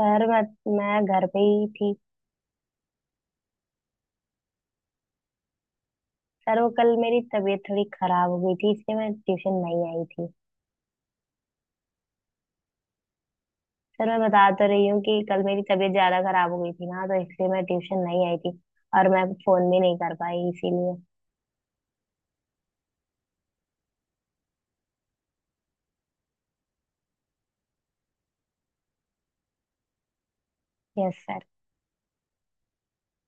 Sir मैं घर पे ही थी। सर वो कल मेरी तबीयत थोड़ी खराब हो गई थी इसलिए मैं ट्यूशन नहीं आई थी। सर मैं बता तो रही हूँ कि कल मेरी तबीयत ज्यादा खराब हो गई थी ना तो इसलिए मैं ट्यूशन नहीं आई थी। और मैं फोन भी नहीं कर पाई इसीलिए। Yes sir.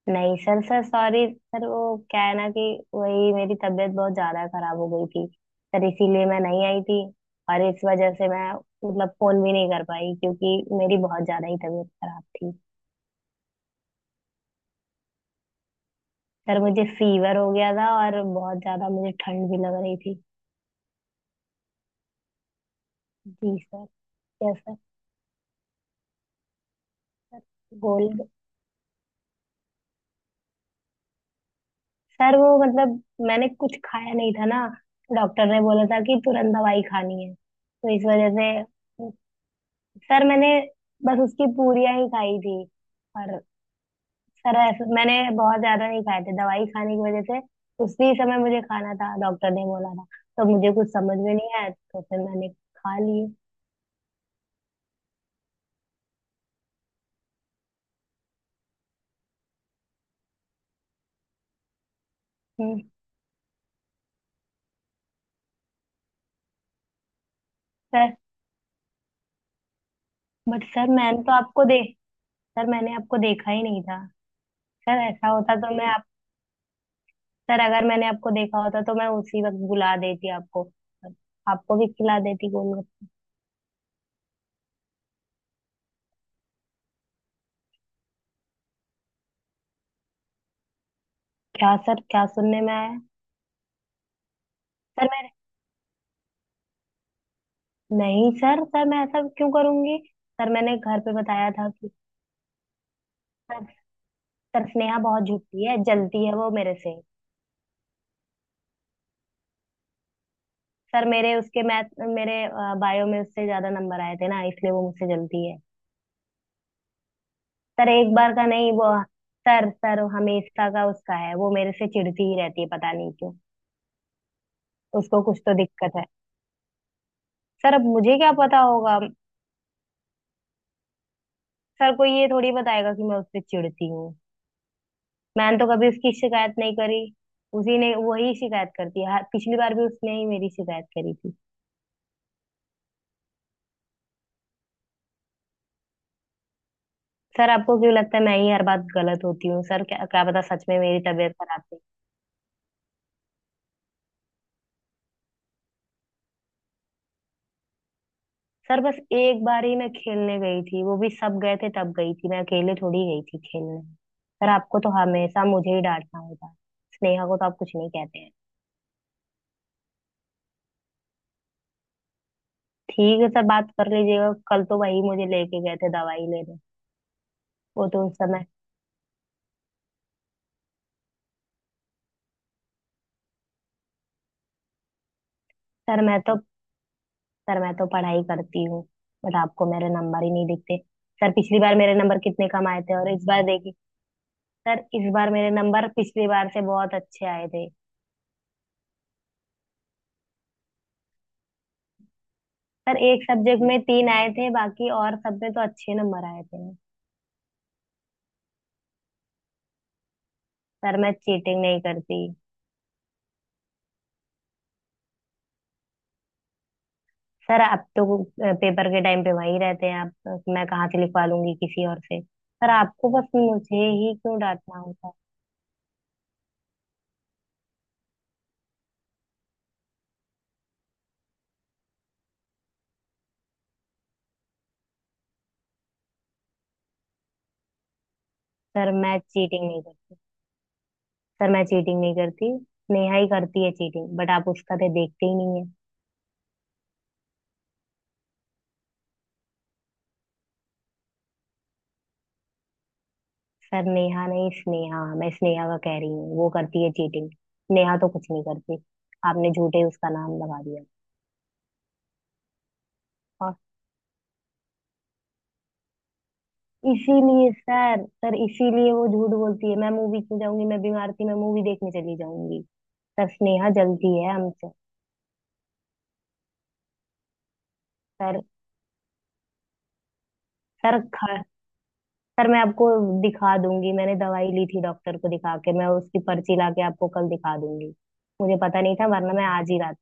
नहीं सर सर सॉरी। सर वो क्या है ना कि वही मेरी तबीयत बहुत ज्यादा खराब हो गई थी। सर इसीलिए मैं नहीं आई थी। और इस वजह से मैं मतलब फोन भी नहीं कर पाई क्योंकि मेरी बहुत ज्यादा ही तबीयत खराब थी। सर मुझे फीवर हो गया था और बहुत ज्यादा मुझे ठंड भी लग रही थी। जी sir. Yes sir. Sir gold. Sir वो मतलब मैंने कुछ खाया नहीं था ना। डॉक्टर ने बोला था कि तुरंत दवाई खानी है तो इस वजह से। सर मैंने बस उसकी पूरियां ही खाई थी। और सर ऐसे मैंने बहुत ज्यादा नहीं खाए थे दवाई खाने की वजह से। उसी समय मुझे खाना था, डॉक्टर ने बोला था। तो मुझे कुछ समझ में नहीं आया तो फिर मैंने खा लिए। हम्म। सर बट सर मैंने तो आपको दे। सर मैंने आपको देखा ही नहीं था। सर ऐसा होता तो मैं आप। सर अगर मैंने आपको देखा होता तो मैं उसी वक्त बुला देती आपको। आपको भी खिला देती गोलगप्पे। क्या सर, क्या सुनने में आया। सर मैं। नहीं सर सर मैं ऐसा क्यों करूंगी। सर मैंने घर पे बताया था कि सर सर स्नेहा बहुत झूठी है, जलती है वो मेरे से। सर मेरे उसके मैथ, मेरे बायो में उससे ज्यादा नंबर आए थे ना इसलिए वो मुझसे जलती है। सर एक बार का नहीं वो। सर सर हमेशा का उसका है, वो मेरे से चिढ़ती ही रहती है पता नहीं क्यों। उसको कुछ तो दिक्कत है। सर अब मुझे क्या पता होगा। सर को ये थोड़ी बताएगा कि मैं उससे चिढ़ती हूँ। मैंने तो कभी उसकी शिकायत नहीं करी। उसी ने वही शिकायत करती है पिछली बार भी उसने ही मेरी शिकायत करी थी। सर आपको क्यों लगता है मैं ही हर बात गलत होती हूँ। सर क्या, क्या पता सच में मेरी तबीयत खराब थी। सर बस एक बार ही मैं खेलने गई थी, वो भी सब गए थे तब गई थी, मैं अकेले थोड़ी गई थी खेलने। सर आपको तो हमेशा मुझे ही डांटना होता है। स्नेहा को तो आप कुछ नहीं कहते हैं। ठीक है सर, बात कर लीजिएगा, कल तो वही मुझे लेके गए थे दवाई लेने। वो तो उस समय। सर मैं तो। सर मैं तो पढ़ाई करती हूँ, बट आपको मेरे नंबर ही नहीं दिखते। सर पिछली बार मेरे नंबर कितने कम आए थे और इस बार देखिए। सर इस बार मेरे नंबर पिछली बार से बहुत अच्छे आए थे। सर एक सब्जेक्ट में तीन आए थे, बाकी और सब में तो अच्छे नंबर आए थे। सर मैं चीटिंग नहीं करती। सर आप तो पेपर के टाइम पे वहीं रहते हैं आप, मैं कहाँ से लिखवा लूंगी किसी और से, सर आपको बस मुझे ही क्यों डांटना होता है। सर मैं चीटिंग नहीं करती। सर मैं चीटिंग नहीं करती। नेहा ही करती है चीटिंग, बट आप उसका तो देखते ही नहीं है। सर नेहा नहीं, स्नेहा, मैं स्नेहा का कह रही हूँ, वो करती है चीटिंग। नेहा तो कुछ नहीं करती। आपने झूठे ही उसका नाम लगा दिया। और इसीलिए सर सर इसीलिए वो झूठ बोलती है। मैं मूवी क्यों जाऊंगी, मैं बीमार थी, मैं मूवी देखने चली जाऊंगी। सर स्नेहा जलती है हमसे। सर सर सर मैं आपको दिखा दूंगी, मैंने दवाई ली थी डॉक्टर को दिखा के, मैं उसकी पर्ची ला के आपको कल दिखा दूंगी। मुझे पता नहीं था वरना मैं आज ही रात।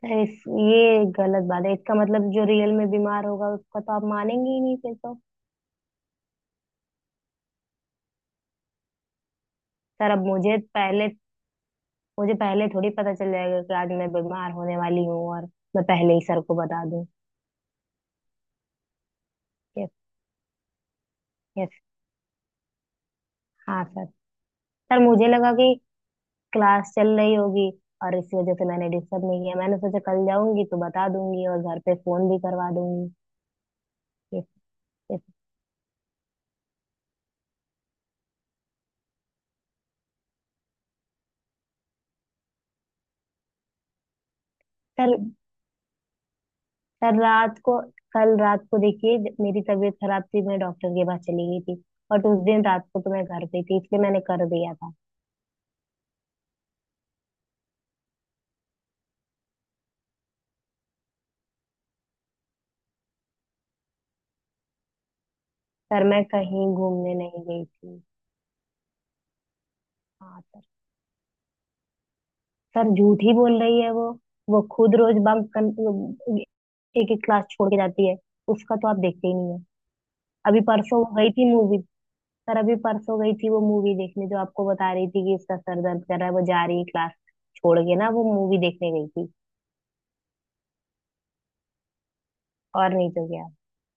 सर इस ये गलत बात है, इसका मतलब जो रियल में बीमार होगा उसका तो आप मानेंगे ही नहीं फिर तो। सर अब मुझे पहले थोड़ी पता चल जाएगा कि आज मैं बीमार होने वाली हूँ और मैं पहले ही सर को बता दूं। यस। यस। हाँ सर। सर मुझे लगा कि क्लास चल रही होगी और इस वजह से मैंने डिस्टर्ब नहीं किया, मैंने सोचा कल जाऊंगी तो बता दूंगी और घर पे फोन भी करवा दूंगी। यस। कल कल रात को कल रात को देखिए, जब मेरी तबीयत खराब थी मैं डॉक्टर के पास चली गई थी। और उस दिन रात को तो मैं घर पे थी, इसलिए मैंने कर दिया था। सर मैं कहीं घूमने नहीं गई थी। हाँ सर। सर झूठ ही बोल रही है वो खुद रोज बंक कर, एक एक क्लास छोड़ के जाती है। उसका तो आप देखते ही नहीं है। अभी परसों वो गई थी मूवी। सर अभी परसों गई थी वो मूवी देखने, जो आपको बता रही थी कि इसका सर दर्द कर रहा है वो जा रही है क्लास छोड़ के ना, वो मूवी देखने गई थी। और नहीं तो क्या।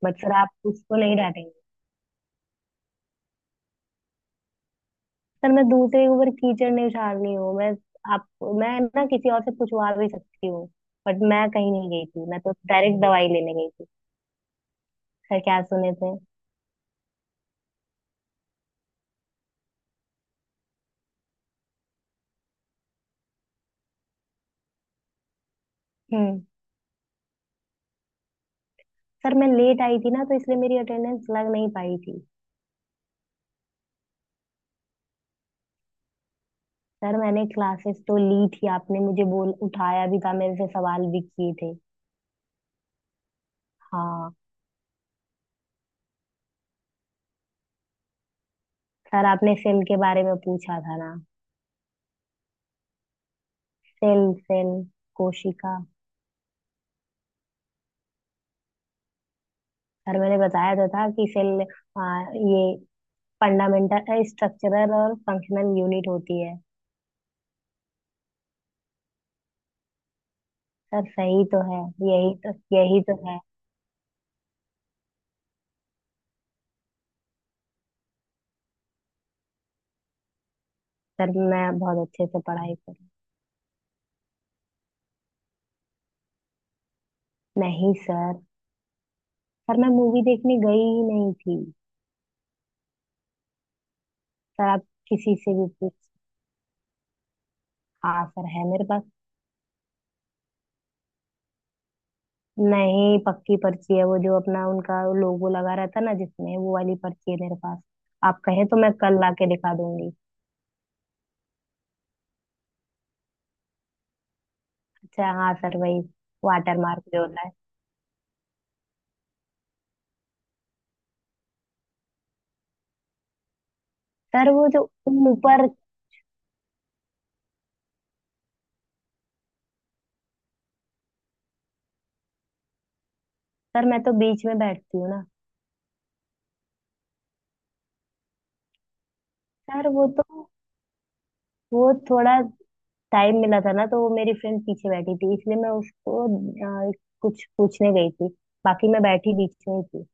बट सर आप उसको नहीं डांटेंगे। सर मैं दूसरे के ऊपर कीचड़ नहीं उछाल रही हूँ, मैं आप, मैं ना किसी और से पूछवा भी सकती हूँ। बट मैं कहीं नहीं गई थी, मैं तो डायरेक्ट दवाई लेने गई थी। सर क्या सुने थे। हम्म। सर मैं लेट आई थी ना तो इसलिए मेरी अटेंडेंस लग नहीं पाई थी। सर मैंने क्लासेस तो ली थी, आपने मुझे बोल उठाया भी था, मेरे से सवाल भी किए थे। हाँ। सर आपने सेल के बारे में पूछा था ना। सेल सेल कोशिका। सर मैंने बताया तो था कि सेल ये फंडामेंटल स्ट्रक्चरल और फंक्शनल यूनिट होती है। सर सही तो है। यही तो है। सर मैं बहुत अच्छे से पढ़ाई करूँ। नहीं सर। मैं मूवी देखने गई ही नहीं थी। सर आप किसी से भी पूछ। हाँ सर, है मेरे पास। नहीं पक्की पर्ची है, वो जो अपना उनका लोगो लगा रहता ना, जिसमें वो वाली पर्ची है मेरे पास। आप कहें तो मैं कल लाके दिखा दूंगी। अच्छा, हाँ सर, वही। वाटर मार्क जो होता है। सर वो जो ऊपर। सर मैं तो बीच में बैठती हूँ ना। सर वो तो। वो थोड़ा टाइम मिला था ना, तो वो मेरी फ्रेंड पीछे बैठी थी इसलिए मैं उसको कुछ पूछने गई थी। बाकी मैं बैठी बीच में ही थी।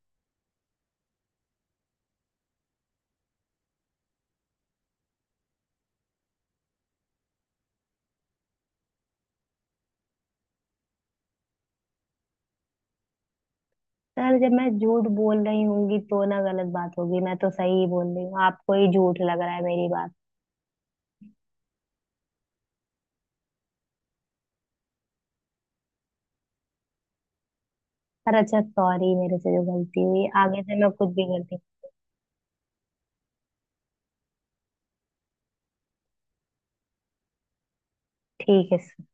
सर जब मैं झूठ बोल रही होंगी तो ना गलत बात होगी, मैं तो सही ही बोल रही हूँ, आपको ही झूठ लग रहा है मेरी बात। सर अच्छा सॉरी, मेरे से जो गलती हुई, आगे से मैं कुछ भी गलती। ठीक है।